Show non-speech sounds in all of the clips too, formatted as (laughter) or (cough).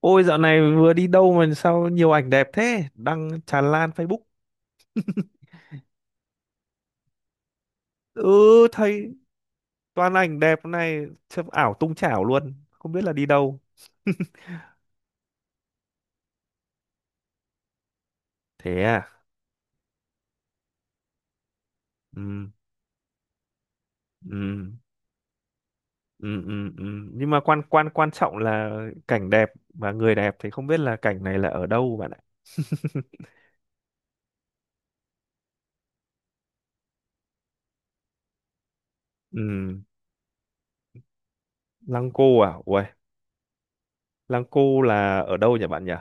Ôi dạo này vừa đi đâu mà sao nhiều ảnh đẹp thế? Đăng tràn lan Facebook. Ừ, thấy toàn ảnh đẹp này, chụp ảo tung chảo luôn, không biết là đi đâu. (laughs) Thế à? Ừ, ừ, ừ, ừ, ừ. Nhưng mà quan quan quan trọng là cảnh đẹp và người đẹp thì không biết là cảnh này là ở đâu bạn ạ. (laughs) Ừ, Lăng Cô à? Uầy, Lăng Cô là ở đâu nhỉ bạn nhỉ?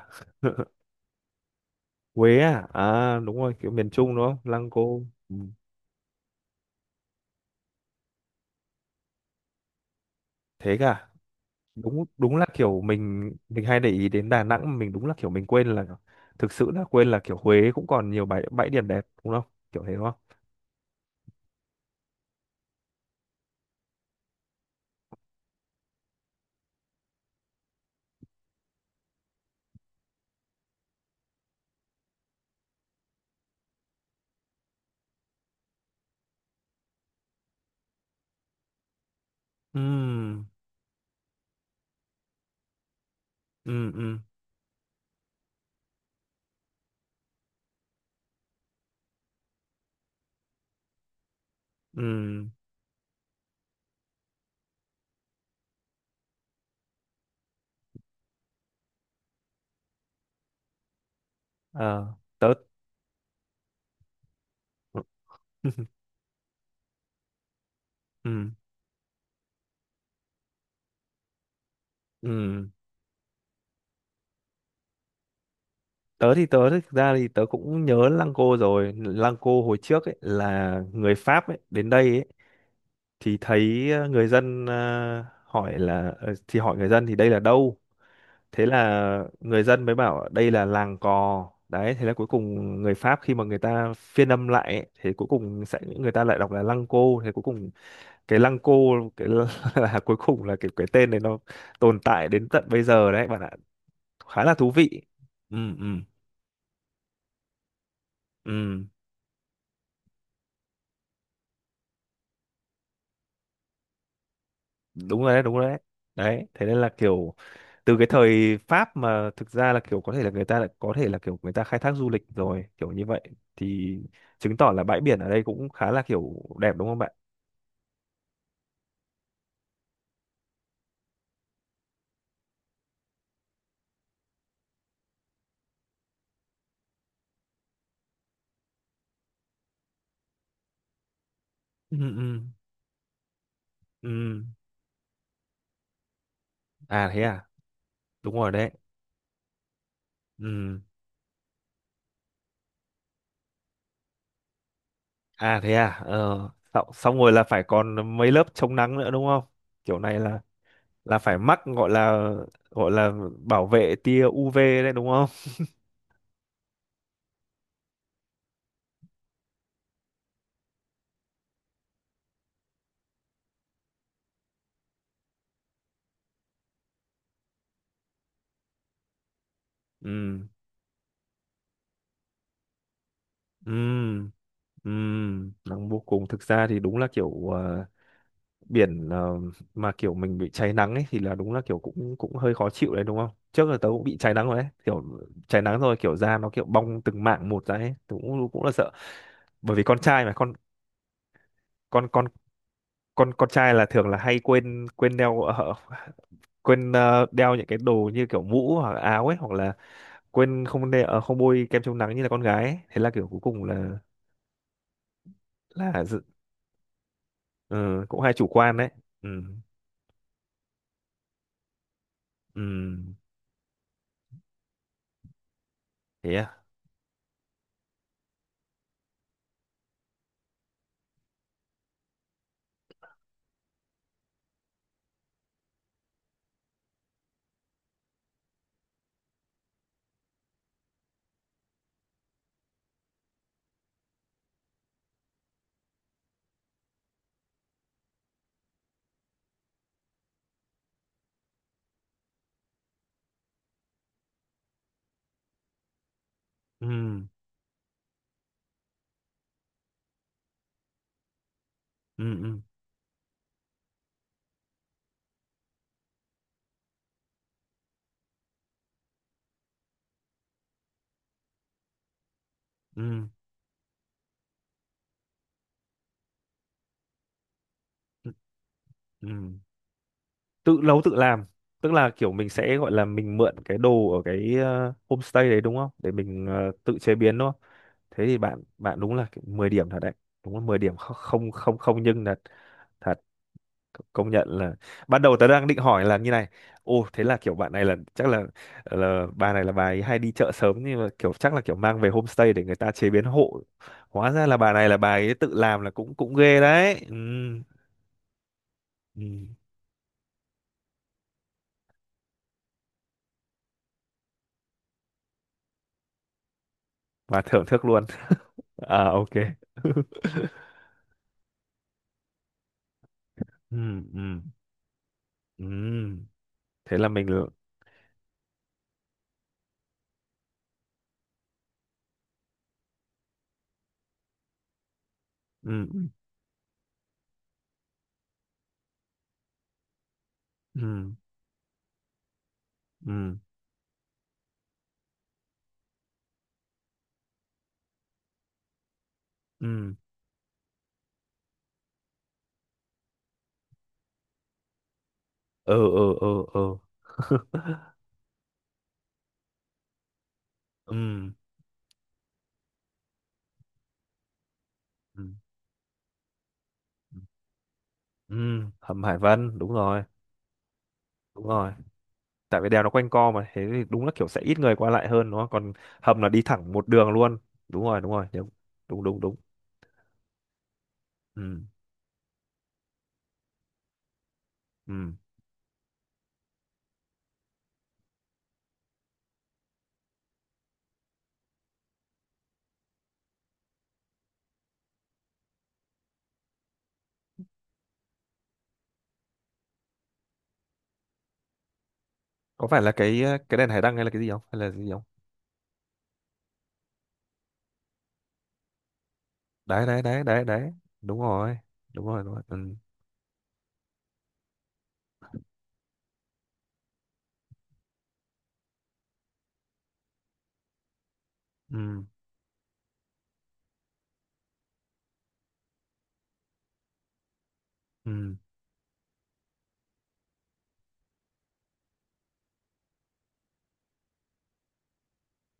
Huế à? À đúng rồi, kiểu miền Trung đúng không? Lăng Cô. Ừ, thế cả. Đúng, đúng là kiểu mình hay để ý đến Đà Nẵng mà mình đúng là kiểu mình quên là, thực sự là quên là kiểu Huế cũng còn nhiều bãi bãi điểm đẹp đúng không, kiểu thế đúng không. Ừm, ừm, ừm, ừm. Ờ, tớ (laughs) ừm, ừm, tớ thì tớ thực ra thì tớ cũng nhớ Lăng Cô rồi, Lăng Cô hồi trước ấy là người Pháp ấy đến đây ấy, thì thấy người dân hỏi là thì hỏi người dân thì đây là đâu, thế là người dân mới bảo đây là làng cò đấy, thế là cuối cùng người Pháp khi mà người ta phiên âm lại ấy, thì cuối cùng sẽ người ta lại đọc là lăng cô, thế cuối cùng cái lăng cô, cái (laughs) là cuối cùng là cái tên này nó tồn tại đến tận bây giờ đấy bạn ạ, khá là thú vị. Ừ, ừ, ừ, đúng rồi đấy, đúng rồi đấy, đấy thế nên là kiểu từ cái thời Pháp mà thực ra là kiểu có thể là người ta lại có thể là kiểu người ta khai thác du lịch rồi kiểu như vậy thì chứng tỏ là bãi biển ở đây cũng khá là kiểu đẹp đúng không bạn. Ừ, ừ, ừ, à thế à, đúng rồi đấy, ừ, à thế à, ờ, xong, xong rồi là phải còn mấy lớp chống nắng nữa đúng không, kiểu này là phải mắc, gọi là, gọi là bảo vệ tia UV đấy, đúng không. Ừ, ừ, ừ, nắng vô cùng, thực ra thì đúng là kiểu biển mà kiểu mình bị cháy nắng ấy thì là đúng là kiểu cũng cũng hơi khó chịu đấy đúng không, trước giờ tớ cũng bị cháy nắng rồi đấy, kiểu cháy nắng rồi, kiểu da nó kiểu bong từng mảng một ra ấy, tớ cũng cũng là sợ, bởi vì con trai mà, con con con con trai là thường là hay quên quên đeo, đeo những cái đồ như kiểu mũ hoặc là áo ấy, hoặc là quên không đeo, không bôi kem chống nắng như là con gái ấy. Thế là kiểu cuối cùng là là dự- ờ, cũng hay chủ quan đấy. Ừ, ừ, thế à, ừ, ừ, ừ, ừ, ừ, ừ, tự nấu tự làm, tức là kiểu mình sẽ gọi là mình mượn cái đồ ở cái homestay đấy đúng không, để mình tự chế biến đúng không. Thế thì bạn bạn đúng là kiểu 10 điểm thật đấy, đúng là 10 điểm không, không, không nhưng thật, thật, công nhận là ban đầu tớ đang định hỏi là như này: ô thế là kiểu bạn này là chắc là bà này là bà ấy hay đi chợ sớm, nhưng mà kiểu chắc là kiểu mang về homestay để người ta chế biến hộ, hóa ra là bà này là bà ấy tự làm, là cũng cũng ghê đấy. Ừ. Ừ, và thưởng thức luôn. À, ok. (laughs) Ừ, ừ, ừ, thế là mình ừ, ừ, ừ, ừ, ừ, ừ, ừ, ừ, ừ. (laughs) Ừ, ừ, ừ, hầm Hải Vân đúng rồi. Đúng rồi, tại vì đèo nó quanh co mà, thế thì đúng là kiểu sẽ ít người qua lại hơn đúng không, còn hầm là đi thẳng một đường luôn. Đúng rồi, đúng rồi, đúng, đúng, đúng, đúng. Ừ, ừ, có phải là cái cái đèn hải đăng hay là cái gì không, hay là cái gì không. Đấy, đấy, đấy, đấy, đấy, đúng rồi, đúng rồi, đúng rồi. Ừ, ừ, ừ,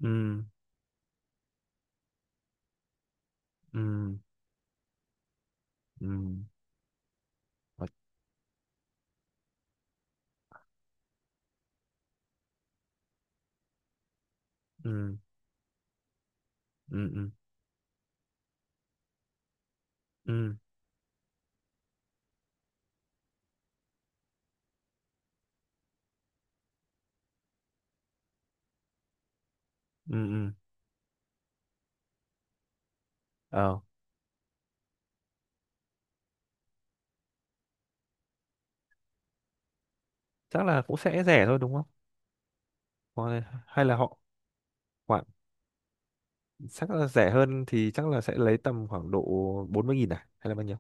ừ, ừ, ừ, ờ, ừ, ừ, ừ, ừ, ừ, ừ. Ờ, chắc là cũng sẽ rẻ thôi đúng không. Còn- hay là họ khoảng, chắc là rẻ hơn thì chắc là sẽ lấy tầm khoảng độ 40 nghìn à, hay là bao nhiêu.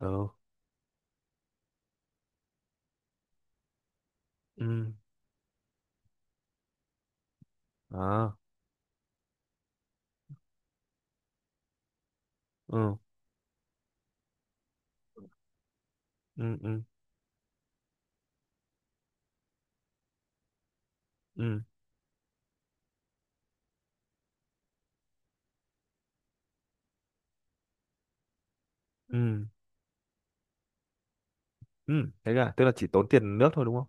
Ờ, ừ, ờ, ừ, ừ, ừ, ừ, ừ, ừ, thế cả, tức là chỉ tốn tiền nước thôi đúng không.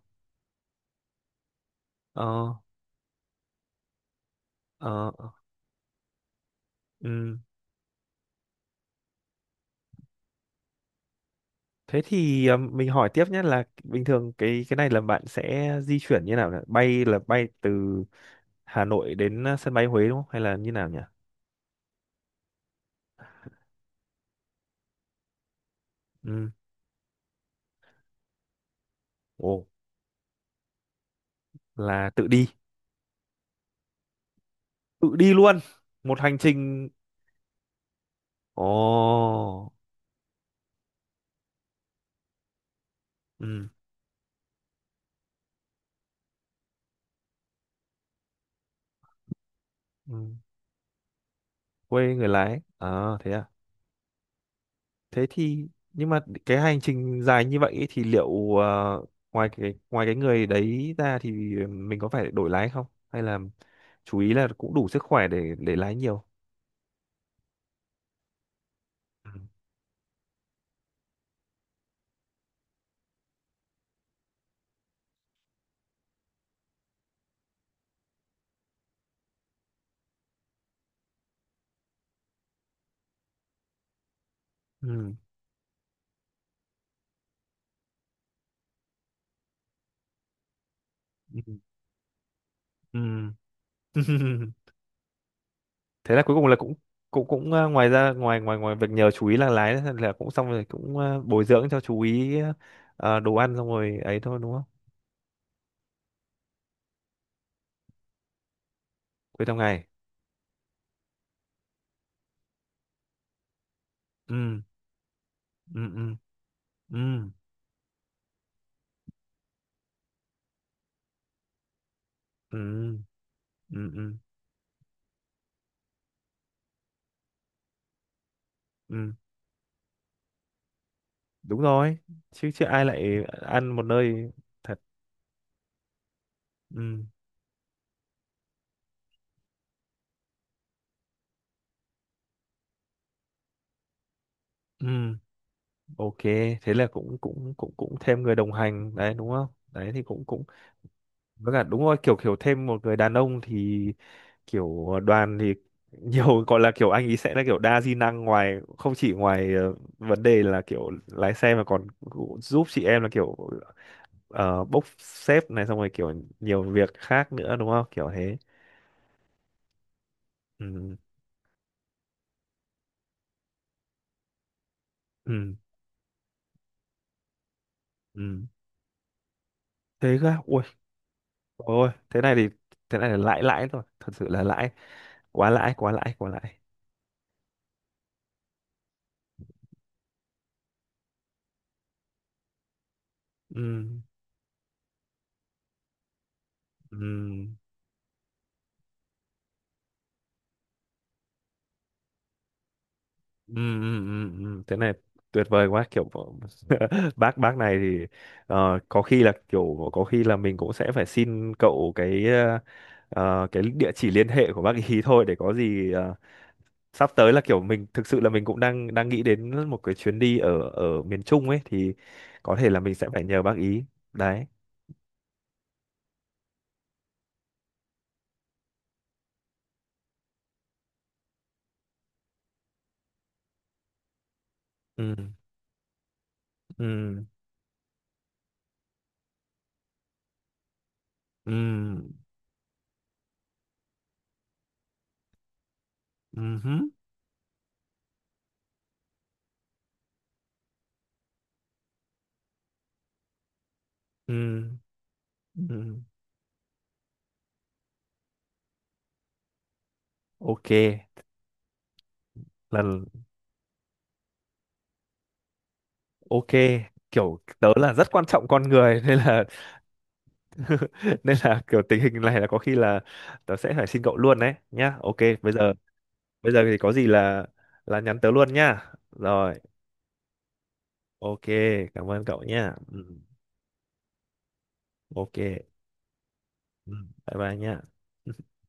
Ờ, ờ, ờ. Ừ, thế thì mình hỏi tiếp nhé là bình thường cái này là bạn sẽ di chuyển như nào nhỉ? Bay là bay từ Hà Nội đến sân bay Huế đúng không? Hay là như nào nhỉ? Ừ. Ồ, là tự đi. Tự đi luôn. Một hành trình. Ồ. Ừ, ừ. Quê người lái. Ờ, thế à. Thế thì nhưng mà cái hành trình dài như vậy ấy thì liệu ngoài cái ngoài người đấy ra thì mình có phải đổi lái không? Hay là chú ý là cũng đủ sức khỏe để lái nhiều. Ừ. Ừ. Ừ. Ừ. (laughs) Thế là cuối cùng là cũng cũng cũng ờ, ngoài ra ngoài ngoài ngoài việc nhờ chú ý là lái là cũng xong rồi cũng bồi dưỡng cho chú ý đồ ăn xong rồi ấy thôi đúng không, cuối trong ngày. Ừ, ừ, ừ, ừ, ừ, ừ, ừ, ừ. Đúng rồi, chứ chứ ai lại ăn một nơi, thật. Ừ, ừ, ok, thế là cũng cũng cũng cũng thêm người đồng hành đấy đúng không, đấy thì cũng cũng với cả đúng rồi, kiểu kiểu thêm một người đàn ông thì kiểu đoàn thì (laughs) nhiều, gọi là kiểu anh ý sẽ là kiểu đa di năng, ngoài không chỉ ngoài vấn đề là kiểu lái xe mà còn giúp chị em là kiểu bốc xếp này xong rồi kiểu nhiều việc khác nữa đúng không, kiểu thế. Ừ, ừ, ừ, thế cơ à? Ui, ôi thế này thì thế này là lãi, lãi rồi, thật sự là lãi, quá lãi, quá lãi, quá lãi. Ừ, ừ, ừ, ừ, ừ, ừ, Thế này tuyệt vời quá, kiểu (laughs) bác này thì có khi là kiểu có khi là mình cũng sẽ phải xin cậu cái cái địa chỉ liên hệ của bác ý (laughs) thôi để có gì sắp tới là kiểu mình thực sự là mình cũng đang đang nghĩ đến một cái chuyến đi ở ở miền Trung ấy thì có thể là mình sẽ phải nhờ bác ý. Đấy. Ừ, ừ, ừ, ừ hứ, ừ, ừ, ok, lần, Ok, kiểu tớ là rất quan trọng con người nên là (laughs) nên là kiểu tình hình này là có khi là tớ sẽ phải xin cậu luôn đấy nhá. Ok, bây giờ, bây giờ thì có gì là nhắn tớ luôn nhá. Rồi, ok, cảm ơn cậu nhá. Ừ, ok. Ừ, bye bye nhá.